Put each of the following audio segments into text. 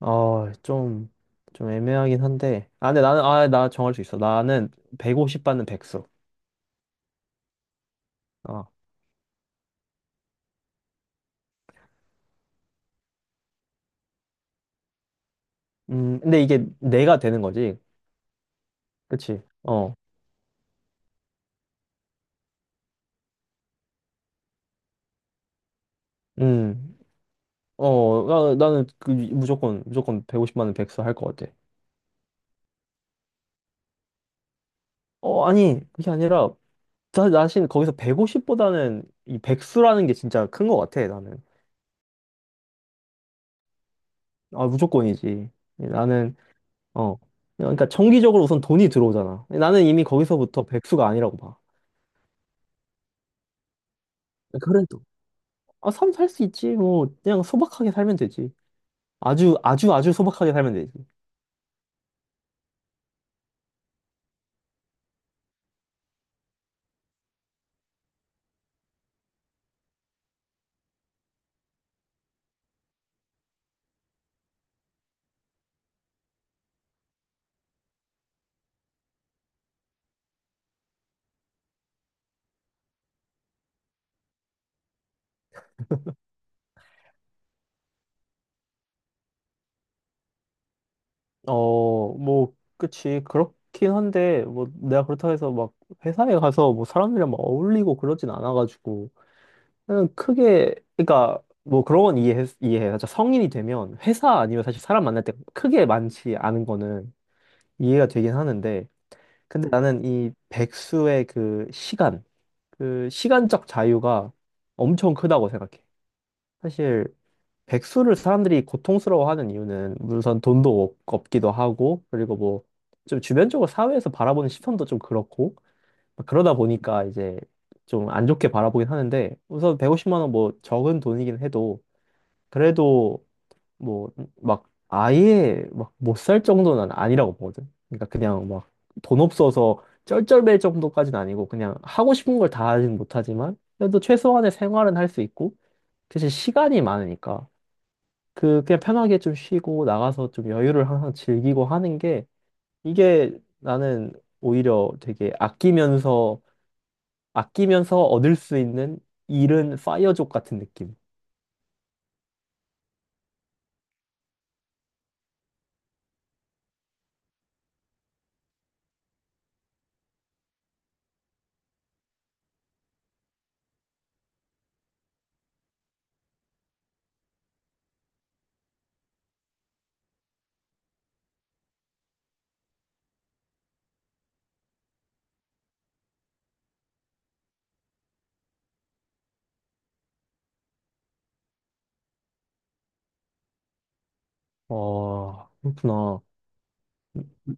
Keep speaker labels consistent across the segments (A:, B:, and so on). A: 어, 좀, 애매하긴 한데. 근데 나 정할 수 있어. 나는 150만 원 받는 백수. 어. 근데 이게 내가 되는 거지. 그치? 어. 음. 나는 그 무조건 150만 원 받는 백수 할 것 같아. 어, 아니, 그게 아니라, 나신 거기서 150만 원보다는 이 백수라는 게 진짜 큰 것 같아, 나는. 아, 무조건이지. 나는, 어. 그러니까 정기적으로 우선 돈이 들어오잖아. 나는 이미 거기서부터 백수가 아니라고 봐. 그래도. 아, 삶 살 수 있지. 뭐, 그냥 소박하게 살면 되지. 아주 소박하게 살면 되지. 그치. 그렇긴 한데, 뭐, 내가 그렇다고 해서 막 회사에 가서 뭐 사람들이랑 막 어울리고 그러진 않아가지고. 그냥 크게, 그러니까, 뭐 그런 건 이해해. 진짜 성인이 되면 회사 아니면 사실 사람 만날 때 크게 많지 않은 거는 이해가 되긴 하는데. 근데 나는 이 백수의 그 시간, 그 시간적 자유가 엄청 크다고 생각해. 사실, 백수를 사람들이 고통스러워하는 이유는 우선 돈도 없기도 하고 그리고 뭐 좀 주변적으로 사회에서 바라보는 시선도 좀 그렇고 그러다 보니까 이제 좀 안 좋게 바라보긴 하는데 우선 150만 원 뭐 적은 돈이긴 해도 그래도 뭐 막 아예 막 못 살 정도는 아니라고 보거든. 그러니까 그냥 막 돈 없어서 쩔쩔맬 정도까지는 아니고 그냥 하고 싶은 걸 다 하진 못하지만 그래도 최소한의 생활은 할 수 있고 대신 시간이 많으니까. 그 그냥 편하게 좀 쉬고 나가서 좀 여유를 항상 즐기고 하는 게 이게 나는 오히려 되게 아끼면서 얻을 수 있는 잃은 파이어족 같은 느낌. 어, 그렇구나.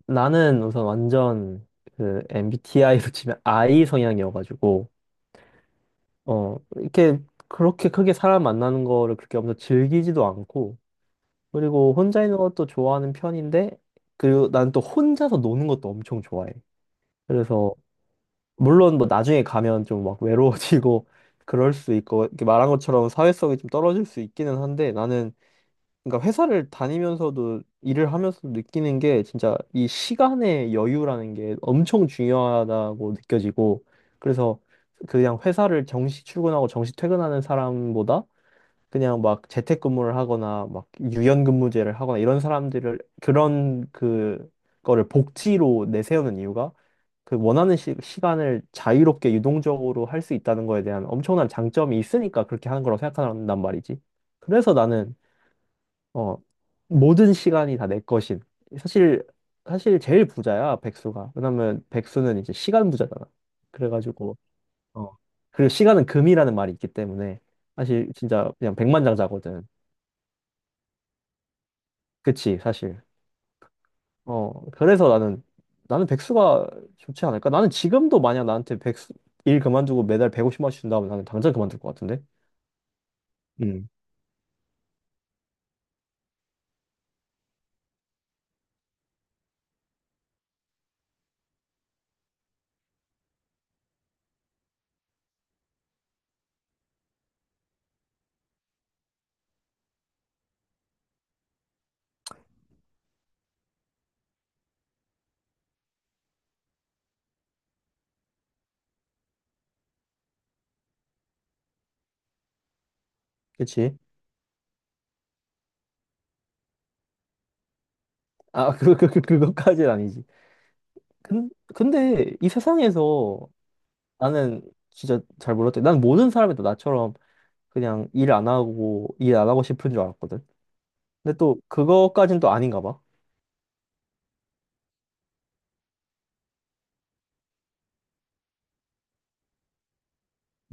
A: 나는 우선 완전 그 MBTI로 치면 I 성향이어가지고 어 이렇게 그렇게 크게 사람 만나는 거를 그렇게 엄청 즐기지도 않고 그리고 혼자 있는 것도 좋아하는 편인데 그리고 난 또 혼자서 노는 것도 엄청 좋아해. 그래서 물론 뭐 나중에 가면 좀 막 외로워지고 그럴 수 있고 이렇게 말한 것처럼 사회성이 좀 떨어질 수 있기는 한데 나는 그러니까 회사를 다니면서도 일을 하면서도 느끼는 게 진짜 이 시간의 여유라는 게 엄청 중요하다고 느껴지고 그래서 그냥 회사를 정시 출근하고 정시 퇴근하는 사람보다 그냥 막 재택근무를 하거나 막 유연근무제를 하거나 이런 사람들을 그런 그 거를 복지로 내세우는 이유가 그 원하는 시간을 자유롭게 유동적으로 할 수 있다는 거에 대한 엄청난 장점이 있으니까 그렇게 하는 거라고 생각한단 말이지. 그래서 나는 어 모든 시간이 다 내 것인. 사실 사실 제일 부자야 백수가. 왜냐면 백수는 이제 시간 부자잖아. 그래가지고 어 그리고 시간은 금이라는 말이 있기 때문에 사실 진짜 그냥 백만장자거든. 그치, 사실. 그래서 나는, 나는 백수가 좋지 않을까? 나는 지금도 만약 나한테 백수, 일 그만두고 매달 150만 원씩 준다면 나는 당장 그만둘 것 같은데? 음, 그치. 아, 그것까지는 아니지. 근데 이 세상에서 나는 진짜 잘 몰랐대. 난 모든 사람이 다 나처럼 그냥 일 안 하고, 일 안 하고 싶은 줄 알았거든. 근데 또, 그거까진 또 아닌가 봐.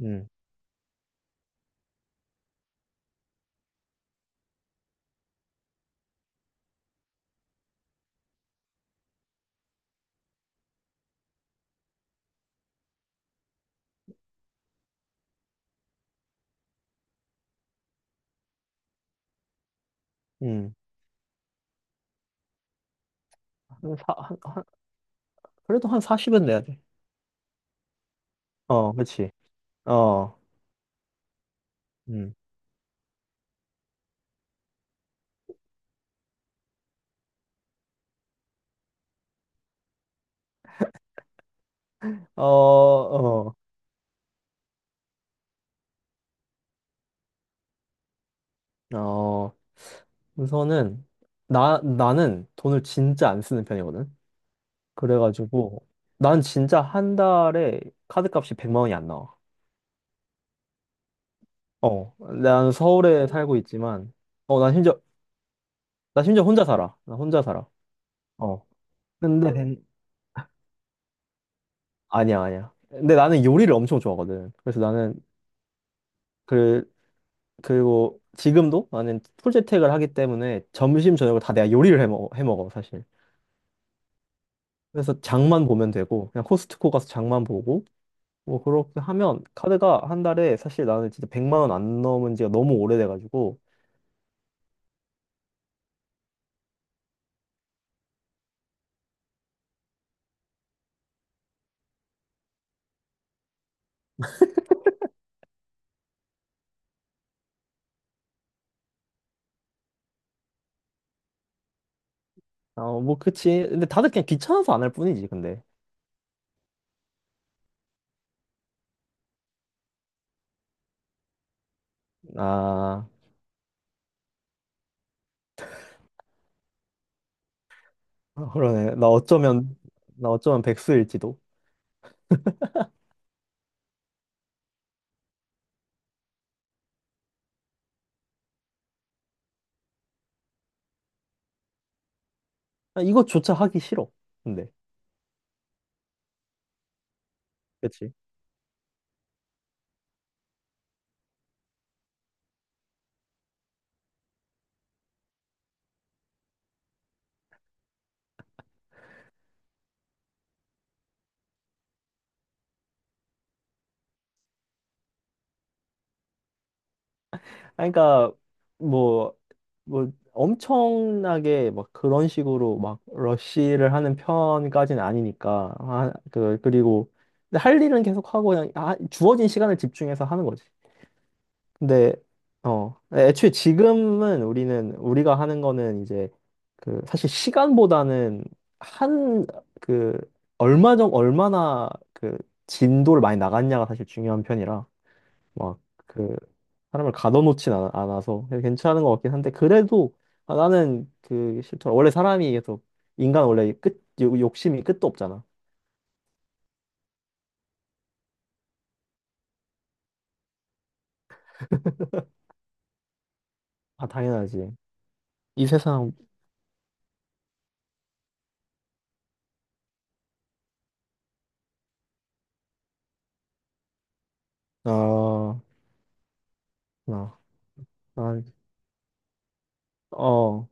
A: 음, 음. 한 사, 한, 그래도 한 40은 내야 돼. 어, 그치. 어. 음. 어, 어. 어, 우선은, 나는 돈을 진짜 안 쓰는 편이거든. 그래가지고, 난 진짜 한 달에 카드값이 100만 원이 안 나와. 어, 난 서울에 살고 있지만, 어, 난 심지어, 나 심지어 혼자 살아. 나 혼자 살아. 어. 근데, 된- 아니야, 근데 나는 요리를 엄청 좋아하거든. 그래서 나는, 그, 그리고 지금도 나는 풀재택을 하기 때문에 점심, 저녁을 다 내가 요리를 해 해 먹어, 사실. 그래서 장만 보면 되고, 그냥 코스트코 가서 장만 보고, 뭐 그렇게 하면 카드가 한 달에 사실 나는 진짜 100만 원 안 넘은 지가 너무 오래돼가지고 어 뭐 그치 근데 다들 그냥 귀찮아서 안 할 뿐이지 근데 아 아, 그러네 나 어쩌면 백수일지도. 아, 이것조차 하기 싫어. 근데 그치. 아 그러니까 뭐 뭐 엄청나게 막 그런 식으로 막 러쉬를 하는 편까지는 아니니까 그리고 근데 할 일은 계속 하고 그냥 아, 주어진 시간을 집중해서 하는 거지. 근데 어 애초에 지금은 우리는 우리가 하는 거는 이제 그 사실 시간보다는 한 그 얼마나 그 진도를 많이 나갔냐가 사실 중요한 편이라 막 그 사람을 않아서 그래서 괜찮은 것 같긴 한데 그래도 아, 나는 그 싫더라. 원래 사람이 계속 인간 원래 끝 욕심이 끝도 없잖아. 아 당연하지. 이 세상. 아 나, 나, 어.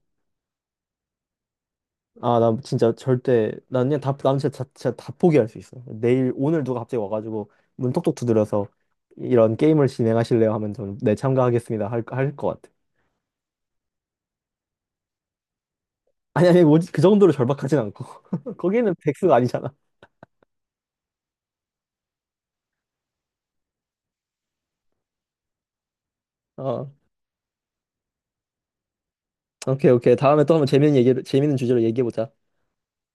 A: 아, 나 진짜 난 그냥 난 진짜, 진짜 다 포기할 수 있어. 내일, 오늘 누가 갑자기 와가지고 문 톡톡 두드려서 이런 게임을 진행하실래요? 하면 저는 네, 참가하겠습니다. 할 것 같아. 아니, 뭐지? 그 정도로 절박하진 않고. 거기는 백수가 아니잖아. 어, 오케이. 다음에 또 한번 재밌는 재밌는 주제로 얘기해보자.